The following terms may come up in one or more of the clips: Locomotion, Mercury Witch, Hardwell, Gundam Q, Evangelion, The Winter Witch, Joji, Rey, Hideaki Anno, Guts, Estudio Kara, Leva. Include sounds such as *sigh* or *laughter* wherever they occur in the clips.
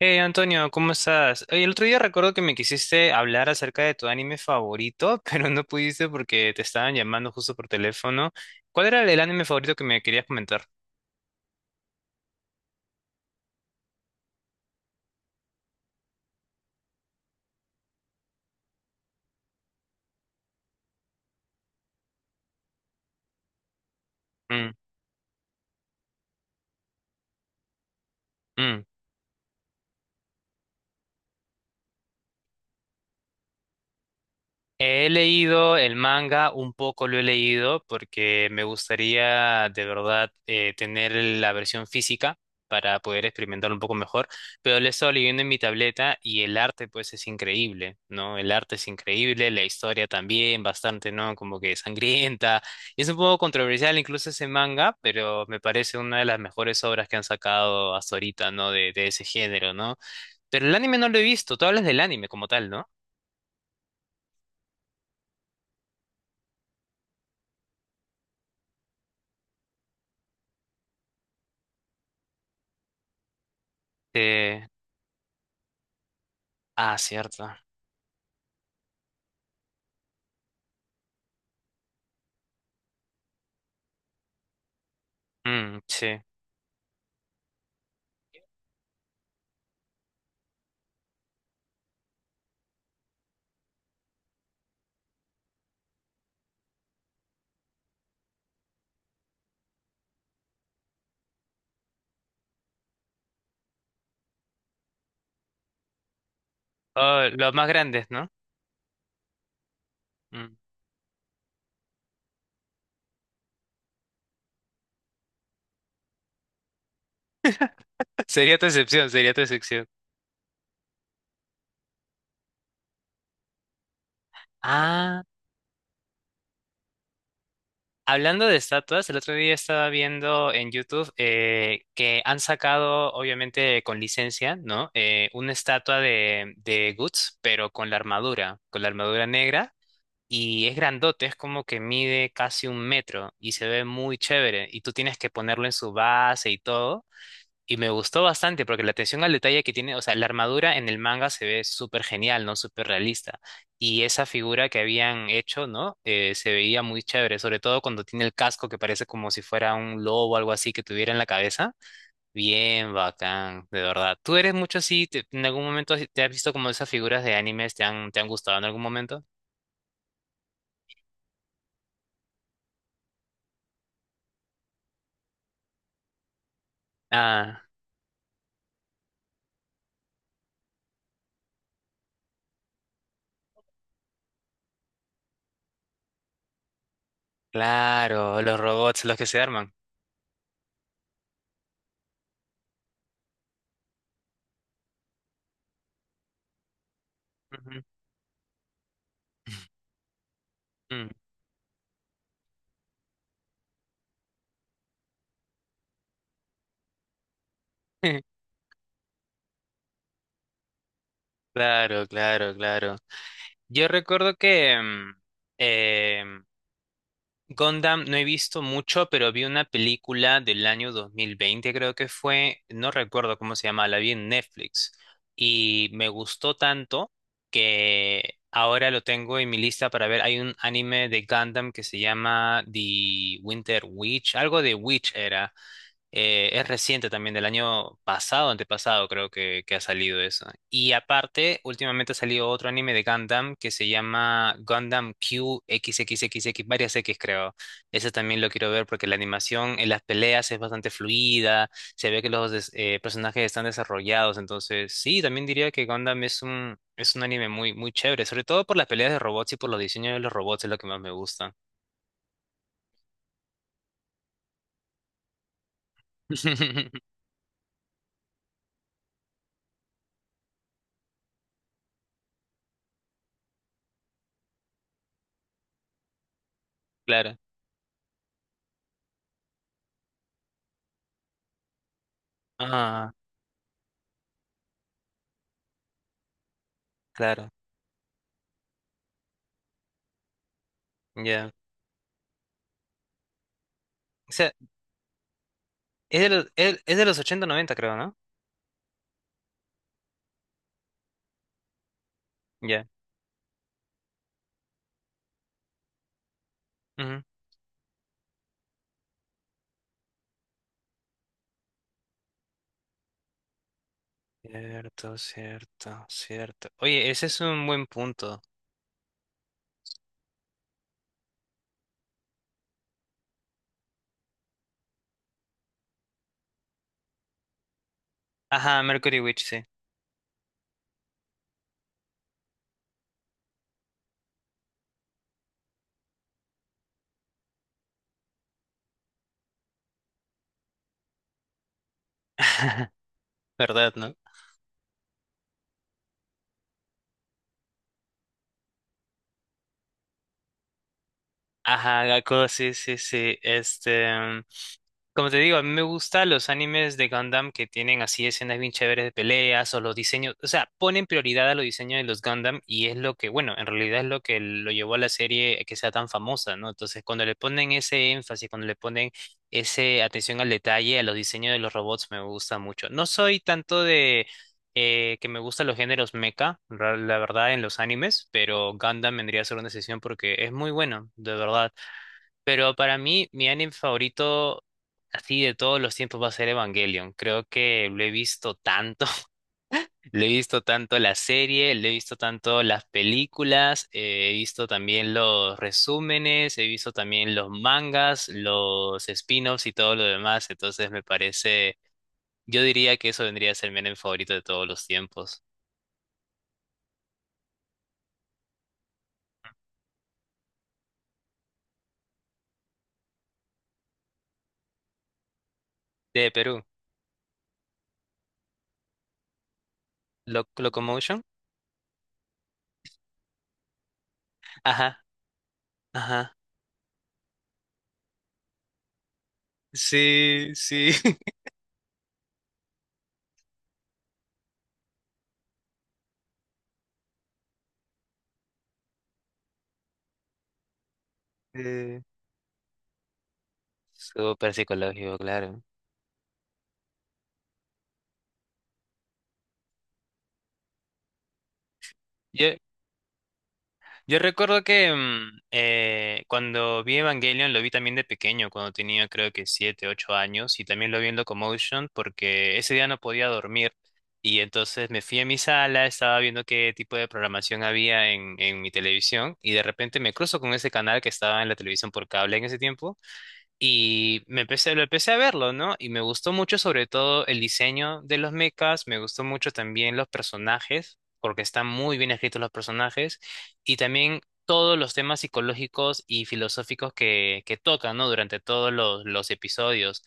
Hey Antonio, ¿cómo estás? Oye, el otro día recuerdo que me quisiste hablar acerca de tu anime favorito, *laughs* pero no pudiste porque te estaban llamando justo por teléfono. ¿Cuál era el anime favorito que me querías comentar? Mm, mm. He leído el manga, un poco lo he leído porque me gustaría de verdad tener la versión física para poder experimentar un poco mejor, pero lo he estado leyendo en mi tableta y el arte pues es increíble, ¿no? El arte es increíble, la historia también, bastante, ¿no? Como que sangrienta. Y es un poco controversial incluso ese manga, pero me parece una de las mejores obras que han sacado hasta ahorita, ¿no? De ese género, ¿no? Pero el anime no lo he visto, tú hablas del anime como tal, ¿no? Eh, Ah, cierto. Mm, sí. Oh, los más grandes, ¿no? Mm. *laughs* Sería tu excepción, sería tu excepción. Ah, hablando de estatuas, el otro día estaba viendo en YouTube que han sacado, obviamente con licencia, ¿no? Una estatua de Guts, pero con la armadura negra. Y es grandote, es como que mide casi un metro y se ve muy chévere. Y tú tienes que ponerlo en su base y todo. Y me gustó bastante porque la atención al detalle que tiene, o sea, la armadura en el manga se ve súper genial, ¿no? Súper realista. Y esa figura que habían hecho, ¿no? Se veía muy chévere, sobre todo cuando tiene el casco que parece como si fuera un lobo o algo así que tuviera en la cabeza. Bien bacán, de verdad. ¿Tú eres mucho así? ¿En algún momento te has visto como esas figuras de animes? ¿Te han gustado en algún momento? Ah, claro, los robots, los que se arman. Ujú, mm. *laughs* Claro, claro, claro. Yo recuerdo que eh, Gundam no he visto mucho, pero vi una película del año 2020, creo que fue, no recuerdo cómo se llamaba, la vi en Netflix y me gustó tanto que ahora lo tengo en mi lista para ver. Hay un anime de Gundam que se llama The Winter Witch, algo de Witch era. Es reciente también, del año pasado, antepasado creo que ha salido eso. Y aparte, últimamente ha salido otro anime de Gundam que se llama Gundam Q x x x x varias X creo. Ese también lo quiero ver porque la animación en las peleas es bastante fluida, se ve que los personajes están desarrollados, entonces sí, también diría que Gundam es un anime muy, muy chévere, sobre todo por las peleas de robots y por los diseños de los robots es lo que más me gusta. *laughs* Claro. Ah, claro. Ya. Es de los ochenta noventa creo, ¿no? Ya. Ujú. Cierto, cierto, cierto. Oye, ese es un buen punto. Ajá, Mercury Witch, sí. *laughs* ¿Verdad, no? Ajá, Gaku, sí, sí, sí. Este. Como te digo, a mí me gustan los animes de Gundam que tienen así escenas bien chéveres de peleas o los diseños, o sea, ponen prioridad a los diseños de los Gundam y es lo que, bueno, en realidad es lo que lo llevó a la serie a que sea tan famosa, ¿no? Entonces, cuando le ponen ese énfasis, cuando le ponen ese atención al detalle, a los diseños de los robots, me gusta mucho. No soy tanto de que me gustan los géneros mecha, la verdad, en los animes, pero Gundam vendría a ser una excepción porque es muy bueno, de verdad. Pero para mí, mi anime favorito así de todos los tiempos va a ser Evangelion. Creo que lo he visto tanto, *laughs* lo he visto tanto la serie, lo he visto tanto las películas, he visto también los resúmenes, he visto también los mangas, los spin-offs y todo lo demás. Entonces me parece, yo diría que eso vendría a ser mi anime favorito de todos los tiempos. De Perú, Locomotion. Ajá, ajá. Sí, sí. *laughs* Eh, Súper psicológico, claro. Yo, Yo recuerdo que cuando vi Evangelion lo vi también de pequeño, cuando tenía creo que 7, 8 años, y también lo vi en Locomotion porque ese día no podía dormir. Y entonces me fui a mi sala, estaba viendo qué tipo de programación había en mi televisión, y de repente me cruzo con ese canal que estaba en la televisión por cable en ese tiempo. Y lo empecé a verlo, ¿no? Y me gustó mucho sobre todo el diseño de los mechas, me gustó mucho también los personajes, porque están muy bien escritos los personajes, y también todos los temas psicológicos y filosóficos que tocan, ¿no? Durante todos los episodios.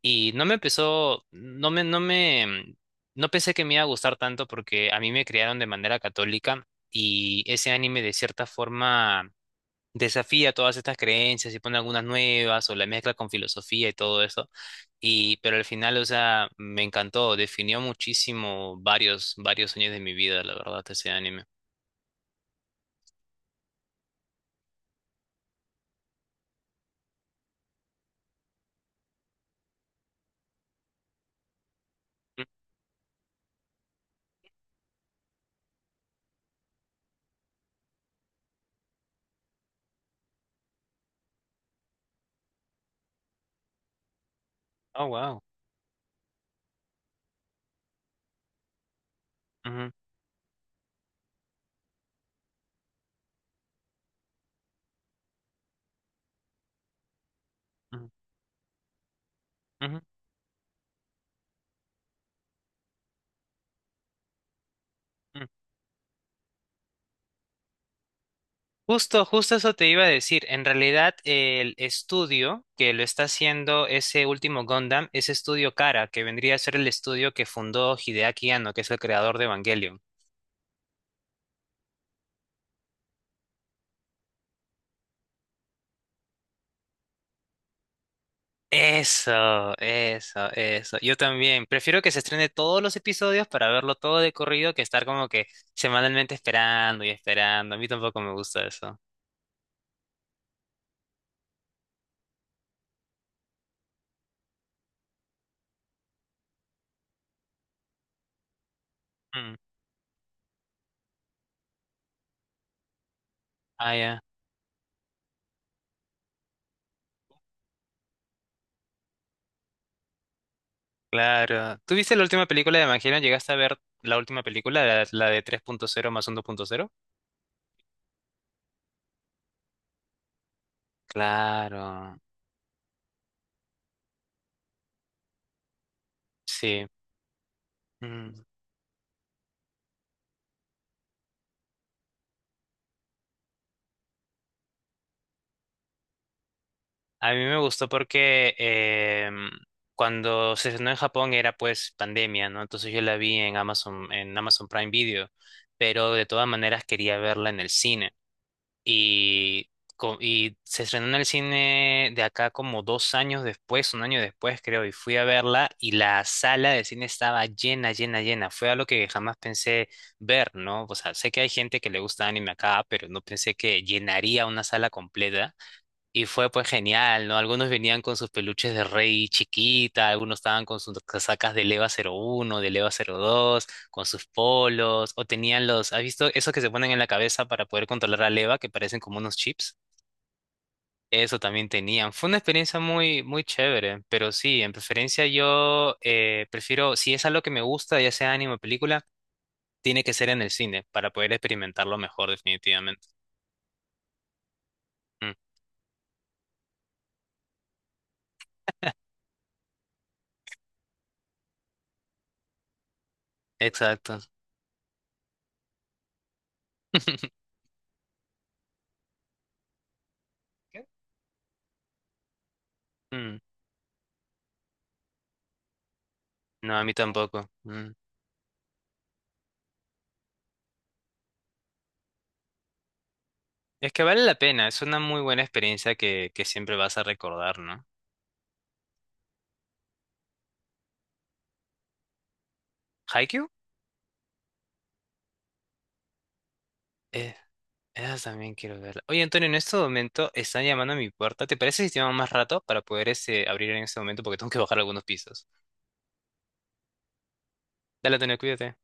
Y no me empezó, no me, no me, no pensé que me iba a gustar tanto porque a mí me criaron de manera católica y ese anime de cierta forma desafía todas estas creencias y pone algunas nuevas o la mezcla con filosofía y todo eso. Pero al final, o sea, me encantó, definió muchísimo varios, varios años de mi vida, la verdad, ese anime. Mm, Oh, wow. Ujú, ujú, ujú, ujú. Justo, justo eso te iba a decir. En realidad, el estudio que lo está haciendo ese último Gundam es Estudio Kara, que vendría a ser el estudio que fundó Hideaki Anno, que es el creador de Evangelion. Eso, eso, eso. Yo también. Prefiero que se estrene todos los episodios para verlo todo de corrido que estar como que semanalmente esperando y esperando. A mí tampoco me gusta eso. Mm. Ah, ya. Claro. ¿Tú viste la última película de Evangelion? ¿Llegaste a ver la última película, la de 3.0+1.0? Claro. Sí. Mm. A mí me gustó porque cuando se estrenó en Japón era pues pandemia, ¿no? Entonces yo la vi en Amazon Prime Video, pero de todas maneras quería verla en el cine. Y, y se estrenó en el cine de acá como 2 años después, un año después creo, y fui a verla y la sala de cine estaba llena, llena, llena. Fue algo que jamás pensé ver, ¿no? O sea, sé que hay gente que le gusta anime acá, pero no pensé que llenaría una sala completa. Y fue pues genial, ¿no? Algunos venían con sus peluches de Rey chiquita, algunos estaban con sus casacas de Leva 01 de Leva 02 con sus polos, o tenían los, ¿has visto esos que se ponen en la cabeza para poder controlar a Leva, que parecen como unos chips? Eso también tenían. Fue una experiencia muy, muy chévere, pero sí, en preferencia yo prefiero, si es algo que me gusta, ya sea anime o película, tiene que ser en el cine para poder experimentarlo mejor, definitivamente. Mm, exacto. *laughs* Mm, No, a mí tampoco. Mm. Es que vale la pena, es una muy buena experiencia que siempre vas a recordar, ¿no? ¿Haikyuu? Eh, esa también quiero verla. Oye, Antonio, en este momento están llamando a mi puerta. ¿Te parece si te llamo más rato para poder abrir en este momento? Porque tengo que bajar algunos pisos. Dale, Antonio, cuídate.